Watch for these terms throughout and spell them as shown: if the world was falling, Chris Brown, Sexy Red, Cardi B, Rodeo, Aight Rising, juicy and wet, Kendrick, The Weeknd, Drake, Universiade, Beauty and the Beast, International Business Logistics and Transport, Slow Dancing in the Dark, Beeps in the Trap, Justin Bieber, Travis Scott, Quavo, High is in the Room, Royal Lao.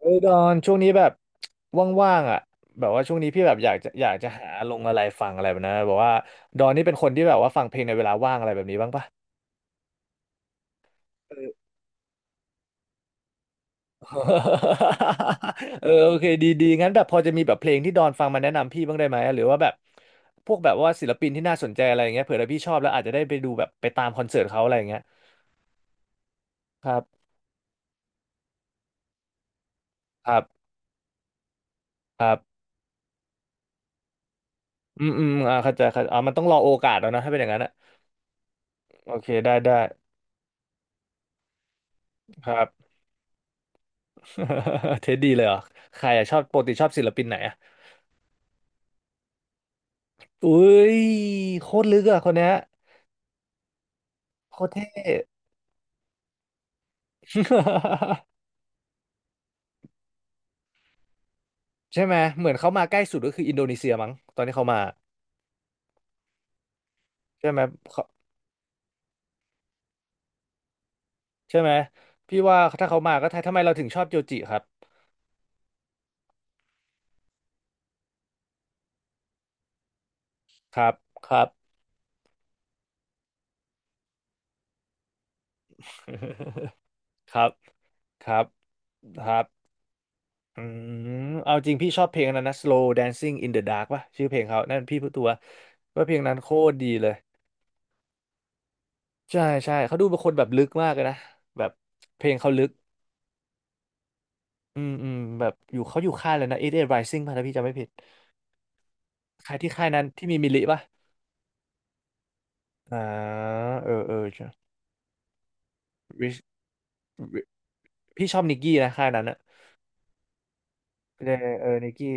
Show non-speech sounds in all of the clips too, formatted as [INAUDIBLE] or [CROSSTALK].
เฮ้ยดอนช่วงนี้แบบว่างๆอ่ะแบบว่าช่วงนี้พี่แบบอยากจะหาลงอะไรฟังอะไรแบบนั้นนะแบอกว่าดอนนี่เป็นคนที่แบบว่าฟังเพลงในเวลาว่างอะไรแบบนี้บ้างปะเออ [LAUGHS] เออ [LAUGHS] โอเคดีดีงั้นแบบพอจะมีแบบเพลงที่ดอนฟังมาแนะนำพี่บ้างได้ไหมหรือว่าแบบพวกแบบว่าศิลปินที่น่าสนใจอะไรอย่างเงี้ยเผื่อถ้าพี่ชอบแล้วอาจจะได้ไปดูแบบไปตามคอนเสิร์ตเขาอะไรอย่างเงี้ยครับครับครับอืมอืมเข้าใจครับมันต้องรอโอกาสแล้วนะถ้าเป็นอย่างนั้นอะโอเคได้ได้ครับ [LAUGHS] เท็ดดี้เลยเหรอใครอะชอบปกติชอบศิลปินไหนอะอุ้ยโคตรลึกอะคนเนี้ยโคตรเท่ [LAUGHS] ใช่ไหม เหมือนเขามาใกล้สุดก็คืออินโดนีเซียมั้งตอนที่เขามาใช่ไหมเขาใช่ไหมพี่ว่าถ้าเขามาก็ไทยทำไมเราถึงชอบโจจิครับครับครับ [LAUGHS] ครับครับครับอืมเอาจริงพี่ชอบเพลงอันนั้นนะ Slow Dancing in the Dark ป่ะชื่อเพลงเขานั่นพี่พูดตัวว่าเพลงนั้นโคตรดีเลยใช่ใช่เขาดูเป็นคนแบบลึกมากเลยนะแบบเพลงเขาลึก อืมอืมแบบอยู่เขาอยู่ค่ายเลยนะเอ g h t Rising ป่ะถ้าพี่จำไม่ผิดค่ายนั้นที่มีมิลลิป่ะอ่าเออเออใช่ Rich- Rich- พี่ชอบนิกกี้นะค่ายนั้นอะเออเออนิกกี้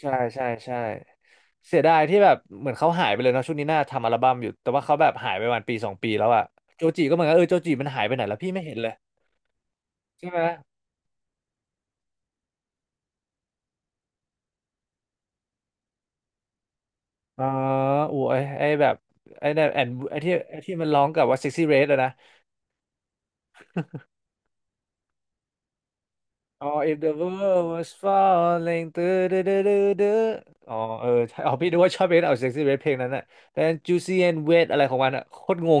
ใช่ใช่ใช่เสียดายที่แบบเหมือนเขาหายไปเลยเนาะช่วงนี้น่าทำอัลบั้มอยู่แต่ว่าเขาแบบหายไปประมาณปีสองปีแล้วอะโจจีก็เหมือนกันเออโจจีมันหายไปไหนแล้วพี่ไม่เห็นเลยใช่ไหมอ๋ออูไอ้แบบไอ้นั่ยแอนไอ้ที่ไอ้ที่มันร้องกับว่า Sexy Red อะนะ อ๋อ if the world was falling ตื้อดื้อดื้อดื้อดื้ออ๋อเออใช่อ๋อพี่ดูว่าชอบเบสเอาเซ็กซี่เบสเพลงนั้นน่ะแต่ juicy and wet อะไรของมันอ่ะโคตรงง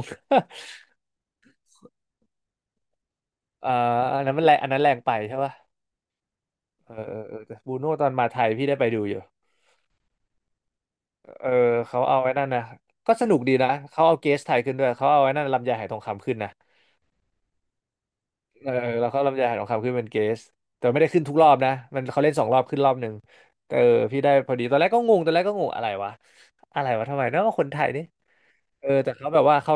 [LAUGHS] อ่าอันนั้นมันแรงอันนั้นแรงไปใช่ป่ะเออเออเออแต่บูโน่ตอนมาไทยพี่ได้ไปดูอยู่เออเขาเอาไอ้นั่นนะก็สนุกดีนะเขาเอาเกสไทยขึ้นด้วยเขาเอาไอ้นั่นลำไยหาหทองคำขึ้นนะ เออเราเข้ารอบนิยรองคำขึ้นเป็นเกสแต่ไม่ได้ขึ้นทุกรอบนะมันเขาเล่นสองรอบขึ้นรอบหนึ่งเออพี่ได้พอดีตอนแรกก็งงตอนแรกก็งงอะไรวะอะไรวะทำไมเนาะคนไทยนี่เออแต่เขาแบบว่าเขา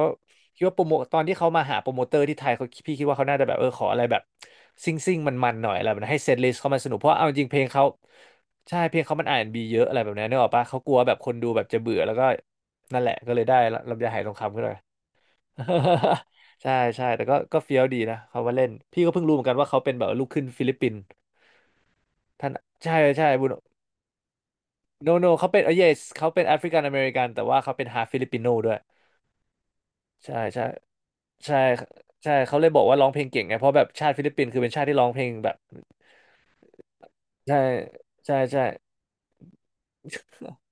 คิดว่าโปรโมตอนที่เขามาหาโปรโมเตอร์ที่ไทยเขาพี่คิดว่าเขาน่าจะแบบเออขออะไรแบบซิ่งมันมันๆหน่อยอะไรแบบนั้นให้เซตลิสต์เขามาสนุกเพราะเอาจริงเพลงเขาใช่เพลงเขามันอาร์แอนด์บีเยอะอะไรแบบนั้นนึกออกปะเขากลัวแบบคนดูแบบจะเบื่อแล้วก็นั่นแหละก็เลยได้ลำไยหายทองคำขึ้นมา [LAUGHS] ใช่ใช่แต่ก็เฟี้ยวดีนะเขามาเล่นพี่ก็เพิ่งรู้เหมือนกันว่าเขาเป็นแบบลูกครึ่งฟิลิปปินส์ท่านใช่ใช่บุโนโนเขาเป็นเออ yes เขาเป็นแอฟริกันอเมริกันแต่ว่าเขาเป็นฮาฟิลิปปิโนด้วยใช่ใช่ใช่ใช่เขาเลยบอกว่าร้องเพลงเก่งไงเพราะแบบชาติฟิลิปปินส์คือเป็นชาติที่ร้องเพลงแบบใช่ใช่ใช่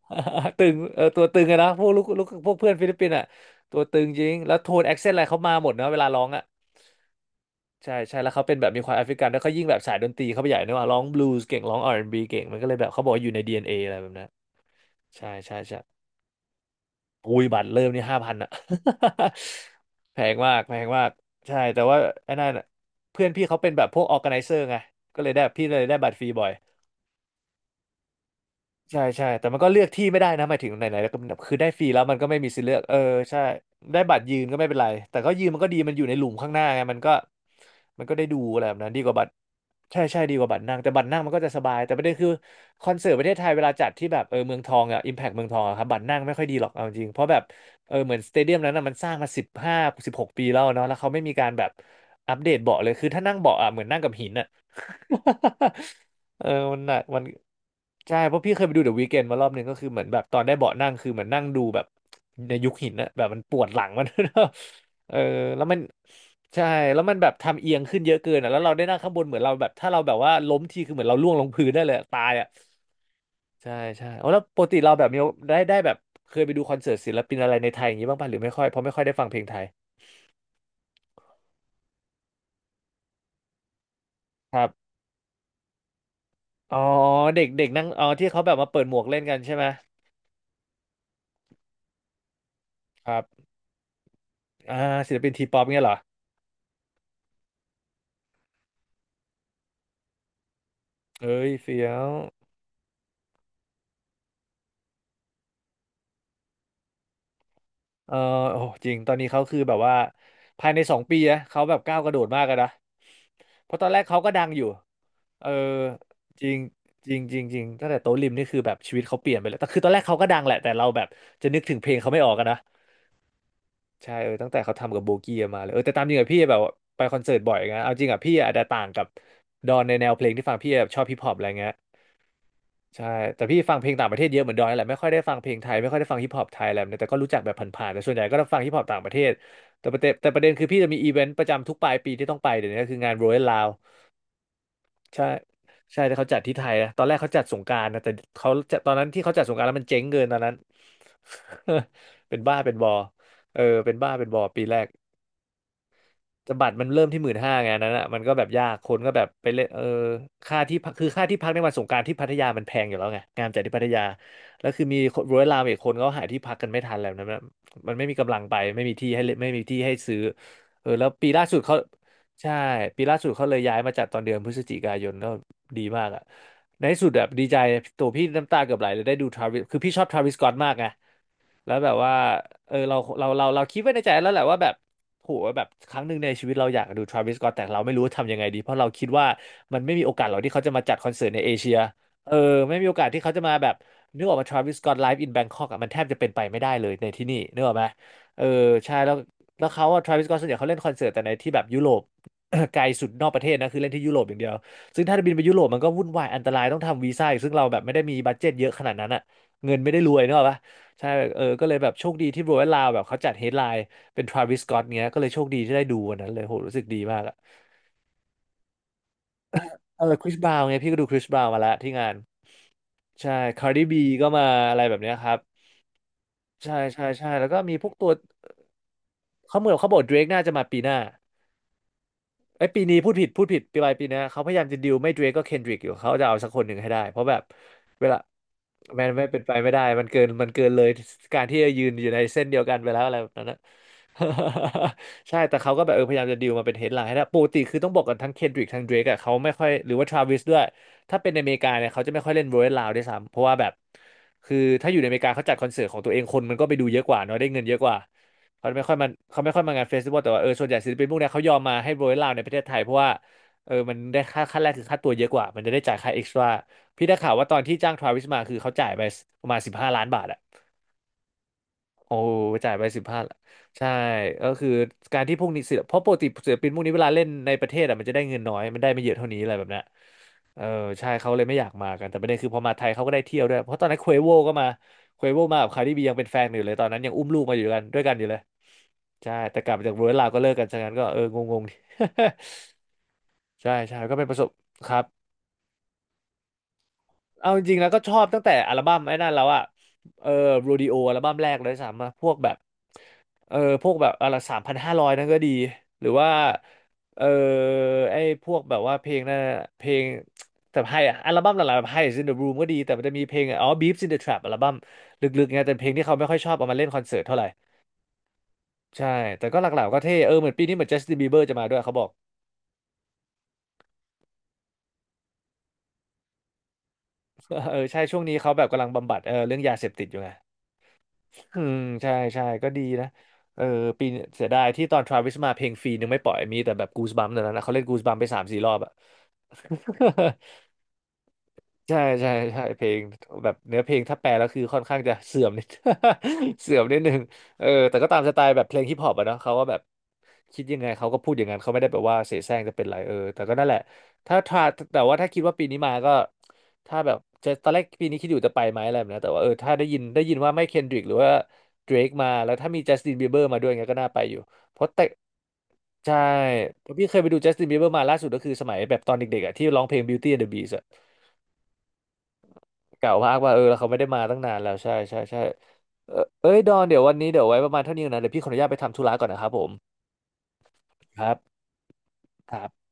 [LAUGHS] ตึงเออตัวตึงอะนะพวกลูกพวกเพื่อนฟิลิปปินส์อะตัวตึงจริงแล้วโทนแอคเซนต์อะไรเขามาหมดนะเวลาร้องอะ ใช่ใช่แล้วเขาเป็นแบบมีความแอฟริกันแล้วเขายิ่งแบบสายดนตรีเขาไปใหญ่เนกอะว่าร้องบลูส์เก่งร้อง R&B เก่งมันก็เลยแบบเขาบอกว่าอยู่ใน DNA อนเออะไรแบบนั้นใช่ใช่ใช่อุ้ยบัตรเริ่มนี่5,000อะ [LAUGHS] แพงมากแพงมากใช่แต่ว่าไอ้นั่นอะเพื่อนพี่เขาเป็นแบบพวก Organizer ไนเซอร์ไงก็เลยได้พี่เลยได้บัตรฟรีบ่อย ใช่ใช่แต่มันก็เลือกที่ไม่ได้นะหมายถึงไหนๆแล้วก็แบบคือได้ฟรีแล้วมันก็ไม่มีสิทธิ์เลือกเออใช่ได้บัตรยืนก็ไม่เป็นไรแต่ก็ยืนมันก็ดีมันอยู่ในหลุมข้างหน้าไงมันก็ได้ดูอะไรแบบนั้นดีกว่าบัตรใช่ใช่ดีกว่าบัตรนั่งแต่บัตรนั่งมันก็จะสบายแต่ประเด็นคือคอนเสิร์ตประเทศไทยเวลาจัดที่แบบเออเมืองทองอ่ะอิมแพคเมืองทองอะครับบัตรนั่งไม่ค่อยดีหรอกเอาจริงเพราะแบบเออเหมือนสเตเดียมนั้นอะมันสร้างมา15-16 ปีแล้วเนาะแล้วเขาไม่มีการแบบอัปเดตเบาะเลยคือถ้านั่งเบาะอ่ะเหมือนนั่งกับหินอะ [LAUGHS] เออมันหนักมันใช่เพราะพี่เคยไปดูเดอะวี k เ n นมารอบหนึ่งก็คือเหมือนแบบตอนได้เบาะนั่งคือเหมือนนั่งดูแบบในยุคหินนะแบบมันปวดหลังมัน [LAUGHS] เออแล้วมันใช่แล้วมันแบบทำเอียงขึ้นเยอะเกินอ่ะแล้วเราได้นั่งข้างบนเหมือนเราแบบถ้าเราแบบว่าล้มทีคือเหมือนเราล่วงลงพื้นได้เลยอะตายอ่ะใช่ใช่เอาแล้วปกติเราแบบมีได้แบบเคยไปดูคอนเสิร์ตศิลปินอะไรในไทยอย่างนี้บ้างป่ะหรือไม่ค่อยเพราะไม่ค่อยได้ฟังเพลงไทยครับอ๋อเด็กเด็กนั่งอ๋อที่เขาแบบมาเปิดหมวกเล่นกันใช่ไหมครับ อ่าศิลปินทีป๊อปเงี้ยเหรอเอ้ยเฟี้ยวเออโอ้จริงตอนนี้เขาคือแบบว่าภายใน2 ปีนะเขาแบบก้าวกระโดดมากเลยนะ เพราะตอนแรกเขาก็ดังอยู่เออจริงจริงจริงจริงตั้งแต่โต๊ะริมนี่คือแบบชีวิตเขาเปลี่ยนไปเลยแต่คือตอนแรกเขาก็ดังแหละ แต่เราแบบจะนึกถึงเพลงเขาไม่ออกกันนะ ใช่เออตั้งแต่เขาทำกับโบกี้มาเลยเออแต่ตามจริงอะพี่แบบไปคอนเสิร์ตบ่อยไงเอาจริงอะพี่อาจจะต่างกับดอนในแนวเพลงที่ฟังพี่แบบชอบฮิปฮอปอะไรเงี้ย ใช่แต่พี่ฟังเพลงต่างประเทศเยอะเหมือนดอยนั่นแหละไม่ค่อยได้ฟังเพลงไทยไม่ค่อยได้ฟังฮิปฮอปไทยอะไรแบบนี้แต่ก็รู้จักแบบผ่านๆแต่ส่วนใหญ่ก็จะฟังฮิปฮอปต่างประเทศแต่ประเด็นคือพี่จะมีอีเวนต์ประจำทุกปลายปีที่ต้องไปเดี๋ยวนี้ก็คืองาน Royal Lao ใช่ใช่ที่เขาจัดที่ไทยนะตอนแรกเขาจัดสงกรานต์นะแต่เขาจะตอนนั้นที่เขาจัดสงกรานต์แล้วมันเจ๊งเกินตอนนั้น [LAUGHS] เป็นบ้าเป็นบอเออเป็นบ้าเป็นบอปีแรก แต่บัตรมันเริ่มที่15,000ไงอันนั้นอ่ะมันก็แบบยากคนก็แบบไปเล่นเออค่าที่พักคือค่าที่พักในวันสงกรานต์ที่พัทยามันแพงอยู่แล้วไงงานจัดที่พัทยาแล้วคือมีคนร้อยลามอีกคนก็หาที่พักกันไม่ทันแล้วนะมันมันไม่มีกำลังไปไม่มีที่ให้เล่นไม่มีที่ให้ซื้อเออแล้วปีล่าสุดเขาใช่ปีล่าสุดเขาเลยย้ายมาจัดตอนเดือนพฤศจิกายนก็ดีมากอ่ะในที่สุดแบบดีใจตัวพี่น้ำตาเกือบไหลเลยได้ดูทราวิสคือพี่ชอบทราวิสสก็อตมากไง แล้วแบบว่าเออเราคิดไว้ในใจแล้วแหละว่าแบบโหแบบครั้งหนึ่งในชีวิตเราอยากดูทราวิสสก็อตแต่เราไม่รู้ทำยังไงดีเพราะเราคิดว่ามันไม่มีโอกาสหรอกที่เขาจะมาจัดคอนเสิร์ตในเอเชียเออไม่มีโอกาสที่เขาจะมาแบบนึกออกมาทราวิสสก็อตไลฟ์อินแบงคอกอ่ะมันแทบจะเป็นไปไม่ได้เลยในที่นี่นึกออกไหมเออใช่แล้วแล้วเขาอะทราวิสสก็อตส่วนใหญ่เขาเล่นคอนเสิร์ตแต่ในที่แบบยุโรป [COUGHS] ไกลสุดนอกประเทศนะคือเล่นที่ยุโรปอย่างเดียวซึ่งถ้าจะบินไปยุโรปมันก็วุ่นวายอันตรายต้องทำวีซ่าอีกซึ่งเราแบบไม่ได้มีบัดเจ็ตเยอะขนาดนั้นอะเงินไม่ได้รวยเนกอะปะ ใช่แบบเออก็เลยแบบโชคดีที่โรยลาวแบบเขาจัดเฮดไลน์เป็นทราวิสสก็อตเงี้ยก็เลยโชคดีที่ได้ดูวันนั้นเลยโหรู้สึกดีมากอะเออคริสบราวน์ไงพี่ก็ดูคริสบราวน์มาแล้วที่งานใช่คาร์ดิบีก็มาอะไรแบบเนี้ยครับใช่ใช่ใช่แล้วก็มีพวกตัวเขาเหมือนเขาบอกเดรกน่าจะมาปีหน้า ไอ้ยปีนี้พูดผิดพูดผิดปีปลายปีนนะเขาพยายามจะดิวไม่เดรกก็เคนดริกอยู่เขาจะเอาสักคนหนึ่งให้ได้เพราะแบบเวลาแมนไม่เป็นไปไม่ได้มันเกินเลยการที่จะยืนอยู่ในเส้นเดียวกันไปแล้วอะไรแบบนั้นนะ [LAUGHS] ใช่แต่เขาก็แบบพยายามจะดิวมาเป็นเฮดไลน์ให้ได้ปกติคือต้องบอกกันทั้งเคนดริกทั้งเดรกอะเขาไม่ค่อยหรือว่าทราวิสด้วยถ้าเป็นในอเมริกาเนี่ยเขาจะไม่ค่อยเล่นโรยลาวด้วยซ้ำเพราะว่าแบบคือถ้าอยู่ในอเมริกาเขาจัดคอนเสิร์ตของตัวเองคนมันก็ไปดูเยอะกว่าเนาะได้เงินเยอะกว่า เขาไม่ค่อยมาเขาไม่ค่อยมางานเฟสติวัลแต่ว่าส่วนใหญ่ศิลปินพวกเนี้ยเขายอมมาให้โรยลาวในประเทศไทยเพราะว่ามันได้ค่าแรกคือค่าตัวเยอะกว่ามันจะได้จ่ายค่าเอ็กซ์ตร้าพี่ได้ข่าวว่าตอนที่จ้างทราวิสมาคือเขาจ่ายไปประมาณ15 ล้านบาทอะ โอ้จ่ายไป15ใช่ก็คือการที่พวกนี้ศิลปเพราะปกติศิลปินพวกนี้เวลาเล่นในประเทศอ่ะมันจะได้เงินน้อยมันได้ไม่เยอะเท่านี้อะไรแบบเนี้ยเออใช่เขาเลยไม่อยากมากันแต่ประเด็นคือพอมาไทยเขาก็ได้เที่ยวด้วยเพราะตอนนั้นเควโวก็มาเควโวมากับคาร์ดิบียังเป็นแฟนกันอยู่เลยตอนนั้นยังอุ้มลูกมาอยู่กันด้วยกันอยู่เลยใช่แต่กลับมาจากเวอร์ลลาวก็เลิกกันฉะนั้นก็งงๆ [LAUGHS] ใช่ใช่ก็เป็นประสบครับ เอาจริงๆแล้วก็ชอบตั้งแต่อัลบั้มไอ้นั่นแล้วอะเออโรดิโออัลบั้มแรกเลยสามมาพวกแบบพวกแบบอะไร3,500นั่นก็ดีหรือว่าเออไอ้พวกแบบว่าเพลงนั่นอะเพลงแต่ไฮอะอัลบั้มหลังๆแบบ High is in the Room ก็ดีแต่มันจะมีเพลงอ๋อ Beeps in the Trap อัลบั้มลึกๆไงแต่เพลงที่เขาไม่ค่อยชอบเอามาเล่นคอนเสิร์ตเท่าไหร่ใช่แต่ก็หลักๆก็เท่เหมือนปีนี้เหมือน Justin Bieber จะมาด้วยเขาบอก [LAUGHS] เออใช่ช่วงนี้เขาแบบกำลังบำบัดเรื่องยาเสพติดอยู่ไง อืมใช่ใช่ก็ดีนะเออปีเสียดายที่ตอนทราวิสมาเพลงฟรีนึงไม่ปล่อยมีแต่แบบกูสบัมแต่นนั้นนะเขาเล่นกูสบัมไปสามสี่รอบอะ [LAUGHS] ใช่ใช่ใช่เพลงแบบเนื้อเพลงถ้าแปลแล้วคือค่อนข้างจะเสื่อมนิด [LAUGHS] เสื่อมนิดนึงแต่ก็ตามสไตล์แบบเพลงฮิปฮอปอะเนาะเขาก็แบบคิดยังไงเขาก็พูดอย่างนั้นเขาไม่ได้แบบว่าเสแสร้งจะเป็นไรแต่ก็นั่นแหละถ้าถ้าแต่ว่าถ้าคิดว่าปีนี้มาก็ถ้าแบบจะตอนแรกปีนี้คิดอยู่จะไปไหมอะไรแบบเนี้ยแต่ว่าถ้าได้ยินว่าไม่เคนดริกหรือว่าเดรกมาแล้วถ้ามีจัสตินบีเบอร์มาด้วยเงี้ยก็น่าไปอยู่เพราะแต่ใช่เพราะพี่เคยไปดูจัสตินบีเบอร์มาล่าสุดก็คือสมัยแบบตอนเด็กๆอะที่ร้องเพลง Beauty and the Beast อะ เก่ามากว่าแล้วเขาไม่ได้มาตั้งนานแล้วใช่ใช่ใช่เออเอ้ยดอนเดี๋ยววันนี้เดี๋ยวไว้ประมาณเท่านี้ก่อนนะเดี๋ยวพี่ขออนุญาตไปทำธุระก่อนนะครับผมครับครับ